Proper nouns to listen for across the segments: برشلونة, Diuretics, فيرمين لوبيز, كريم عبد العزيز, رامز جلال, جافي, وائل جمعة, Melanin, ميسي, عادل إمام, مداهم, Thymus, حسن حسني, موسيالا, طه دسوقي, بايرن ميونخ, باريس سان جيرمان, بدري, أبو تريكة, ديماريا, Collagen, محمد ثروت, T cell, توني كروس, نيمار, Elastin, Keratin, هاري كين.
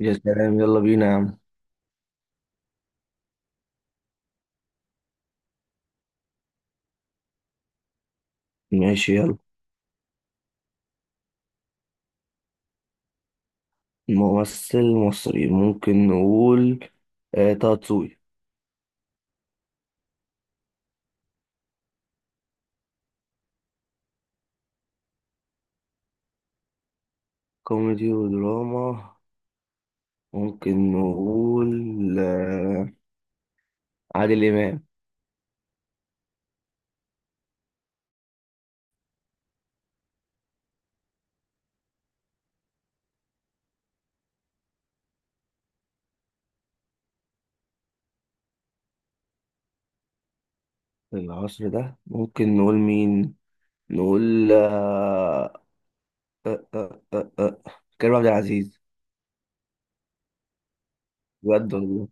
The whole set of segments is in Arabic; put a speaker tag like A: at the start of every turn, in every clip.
A: يا سلام، يلا بينا يا عم. ماشي، يلا. ممثل مصري، ممكن نقول طه دسوقي. كوميدي ودراما، ممكن نقول آه عادل إمام. في العصر ده ممكن نقول مين؟ نقول آه آه كريم عبد العزيز. بجد والله.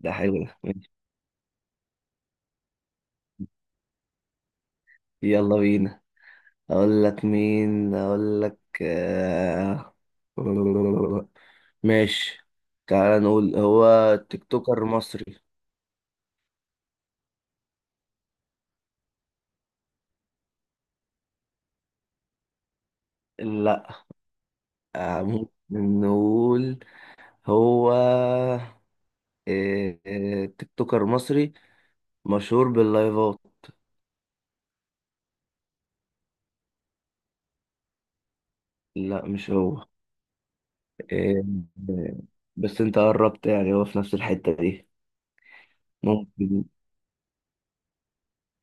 A: ده حلو، ده ماشي. يلا بينا. أقول لك مين، أقول لك ماشي. تعال نقول هو تيك توكر مصري. لا. ممكن نقول هو إيه، إيه، تيك توكر مصري مشهور باللايفات. لا، مش هو. إيه، إيه، بس انت قربت، يعني هو في نفس الحتة دي. ممكن.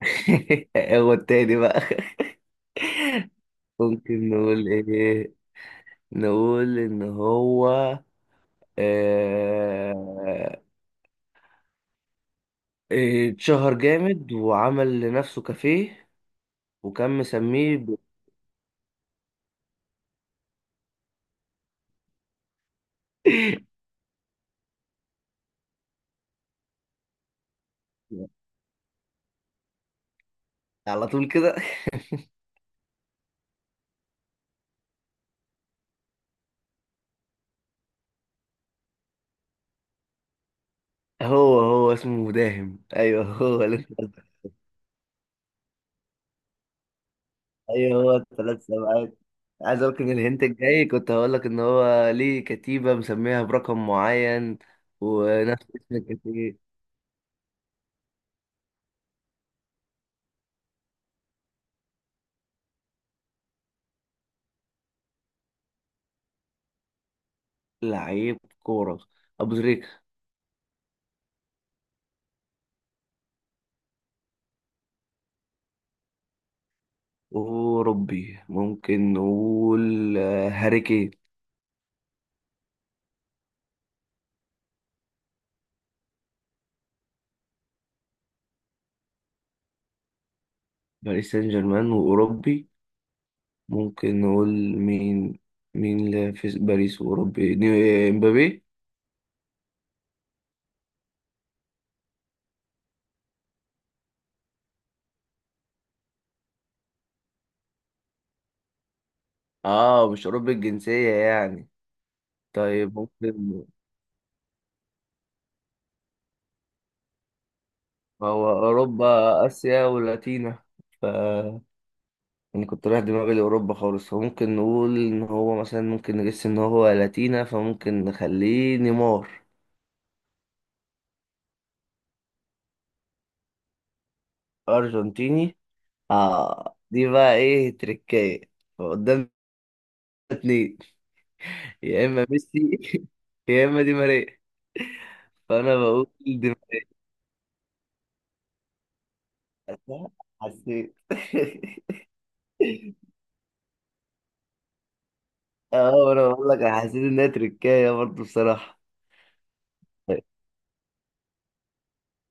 A: هو التاني بقى. ممكن نقول ايه، نقول ان هو آه، إيه، اتشهر جامد وعمل لنفسه كافيه وكان مسميه على طول كده. هو اسمه مداهم، ايوه. هو لسه قصدك. ايوه هو الثلاث سمعات. عايز اقول لك ان الهنت الجاي كنت هقول لك ان هو ليه كتيبة مسميها برقم معين ونفس اسم الكتيبة. لعيب كورة. ابو تريكة. اوروبي، ممكن نقول هاري كين. باريس سان جيرمان واوروبي، ممكن نقول مين؟ مين اللي في باريس واوروبي؟ امبابي. اه، مش اوروبي الجنسية يعني. طيب، ممكن. ما هو أوروبا، آسيا ولاتينا. ف يعني كنت رايح دماغي لأوروبا خالص، فممكن نقول إن هو مثلا، ممكن نجس إن هو لاتينا، فممكن نخليه نيمار. أرجنتيني. دي بقى إيه؟ تركاية. فقدامنا اتنين. يا إما ميسي، يا إما دي ماريا. فأنا بقول دي ماريا، حسيت. اه، انا بقول لك أنا حسيت انها تركايه برضه بصراحه.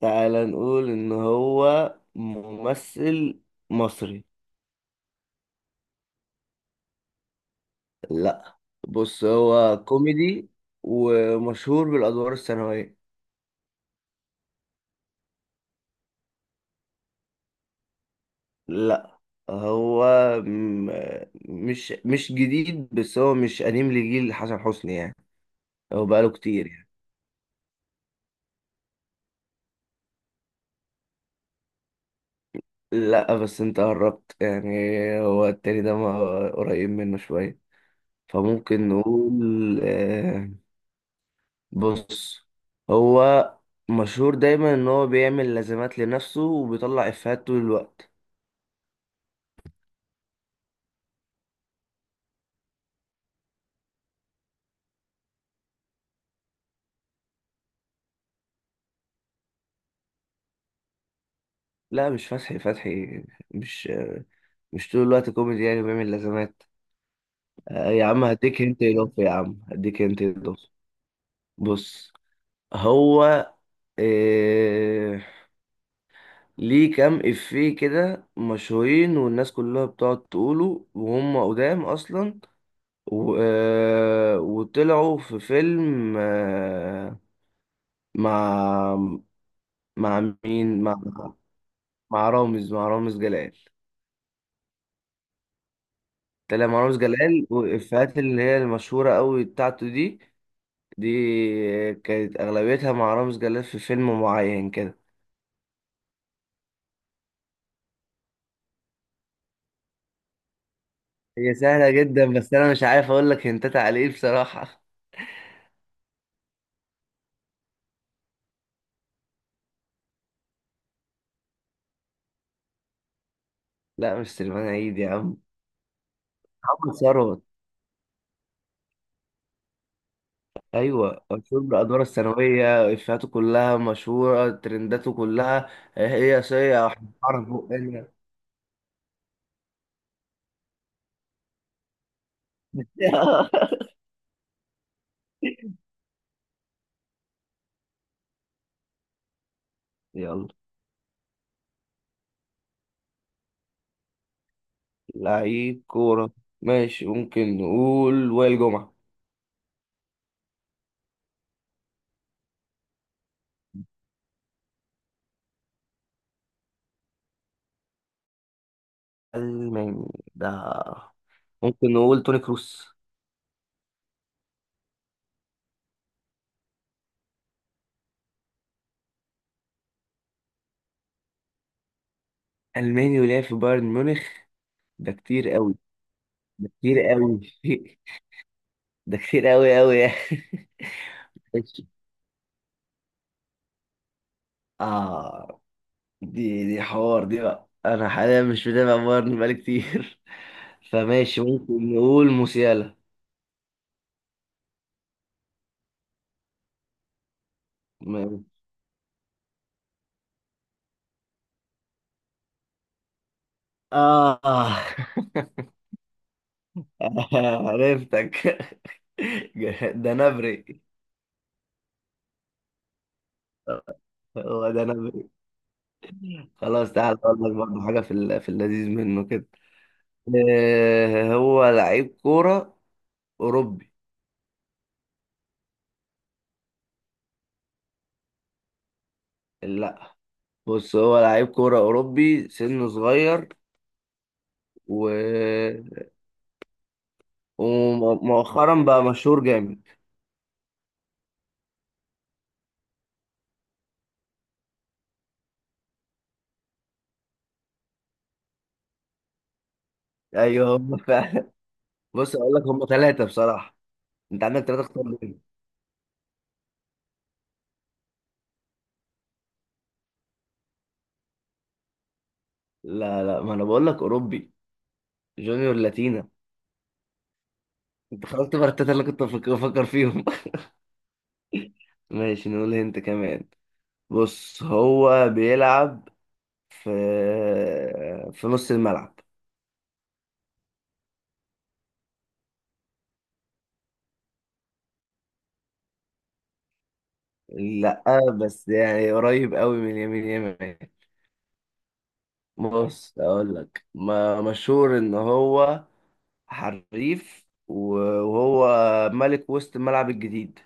A: تعالى نقول ان هو ممثل مصري. لا، بص هو كوميدي ومشهور بالادوار الثانويه. لا، هو م- مش جديد، بس هو مش قديم لجيل حسن حسني يعني، هو بقاله كتير يعني. لا بس انت قربت يعني، هو التاني ده قريب منه شويه، فممكن نقول بص، هو مشهور دايما ان هو بيعمل لازمات لنفسه وبيطلع افيهات طول الوقت. لا، مش فتحي. فتحي مش مش طول الوقت كوميدي يعني، بيعمل لازمات. يا عم هديك انت اضافه، يا عم هديك انت اضافه. بص هو إيه ليه كام افيه كده مشهورين والناس كلها بتقعد تقوله وهم قدام اصلا، و... آه، وطلعوا في فيلم مع مع مين؟ مع رامز جلال. طلع مع رامز جلال، والإفيهات اللي هي المشهورة قوي بتاعته دي، دي كانت أغلبيتها مع رامز جلال في فيلم معين كده. هي سهلة جدا، بس أنا مش عارف أقول لك هنتات على إيه بصراحة. لا مش سليمان عيد يا عم. محمد ثروت. أيوة، مشهور بأدواره الثانوية، إفيهاته كلها مشهورة، ترنداته كلها. هي صية وحرف بقنا. يلا. لعيب كورة. ماشي، ممكن نقول وائل جمعة. ألماني؟ ده ممكن نقول توني كروس. ألماني ولعب في بايرن ميونخ. ده كتير قوي كتير قوي. ده كتير قوي قوي يعني. ماشي. آه دي حوار دي بقى، أنا حاليا مش متابع بايرن بقالي كتير. فماشي، ممكن نقول موسيالا. م- آه عرفتك. ده نبري. هو ده. خلاص، تعال اقول لك برضه حاجه في اللذيذ منه كده. هو لعيب كوره اوروبي. لا، بص هو لعيب كوره اوروبي، سنه صغير، و... ومؤخرا بقى مشهور جامد. ايوه هم فعلا. بص اقول لك، هم ثلاثه بصراحه، انت عندك ثلاثه اختار بينهم. لا لا، ما انا بقول لك اوروبي. جونيور لاتينا. انت خرجت بره الثلاثه اللي كنت بفكر فيهم. ماشي، نقول هنت كمان. بص هو بيلعب في في نص الملعب. لا بس يعني قريب قوي من اليمين، يمين. بص اقول لك، ما مشهور ان هو حريف، وهو ملك وسط الملعب الجديد.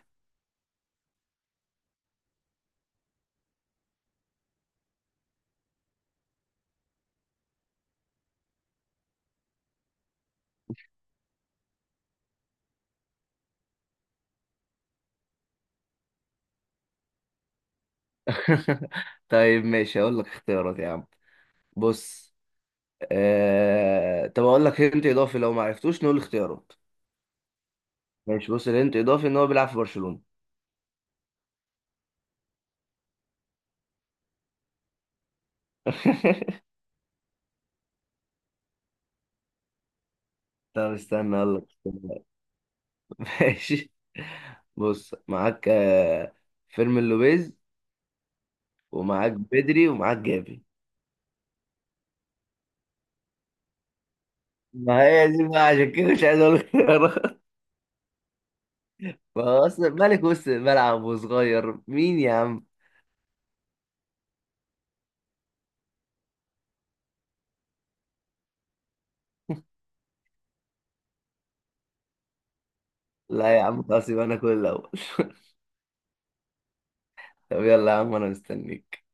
A: طيب ماشي، اقول لك اختيارات يا عم. بص، طب اقول لك هنت اضافي، لو ما عرفتوش نقول اختيارات. ماشي، بص الهنت اضافي ان هو بيلعب في برشلونة. طب استنى اقول لك. ماشي، بص معاك فيرمين لوبيز، ومعاك بدري، ومعاك جافي. ما هي دي بقى عشان كده مش عايز اقول لك خيارات. ما هو اصلا ملك وسط الملعب وصغير، مين يا عم؟ لا يا عم، خلاص، يبقى انا كل الاول. طب يلا يا عم، انا مستنيك.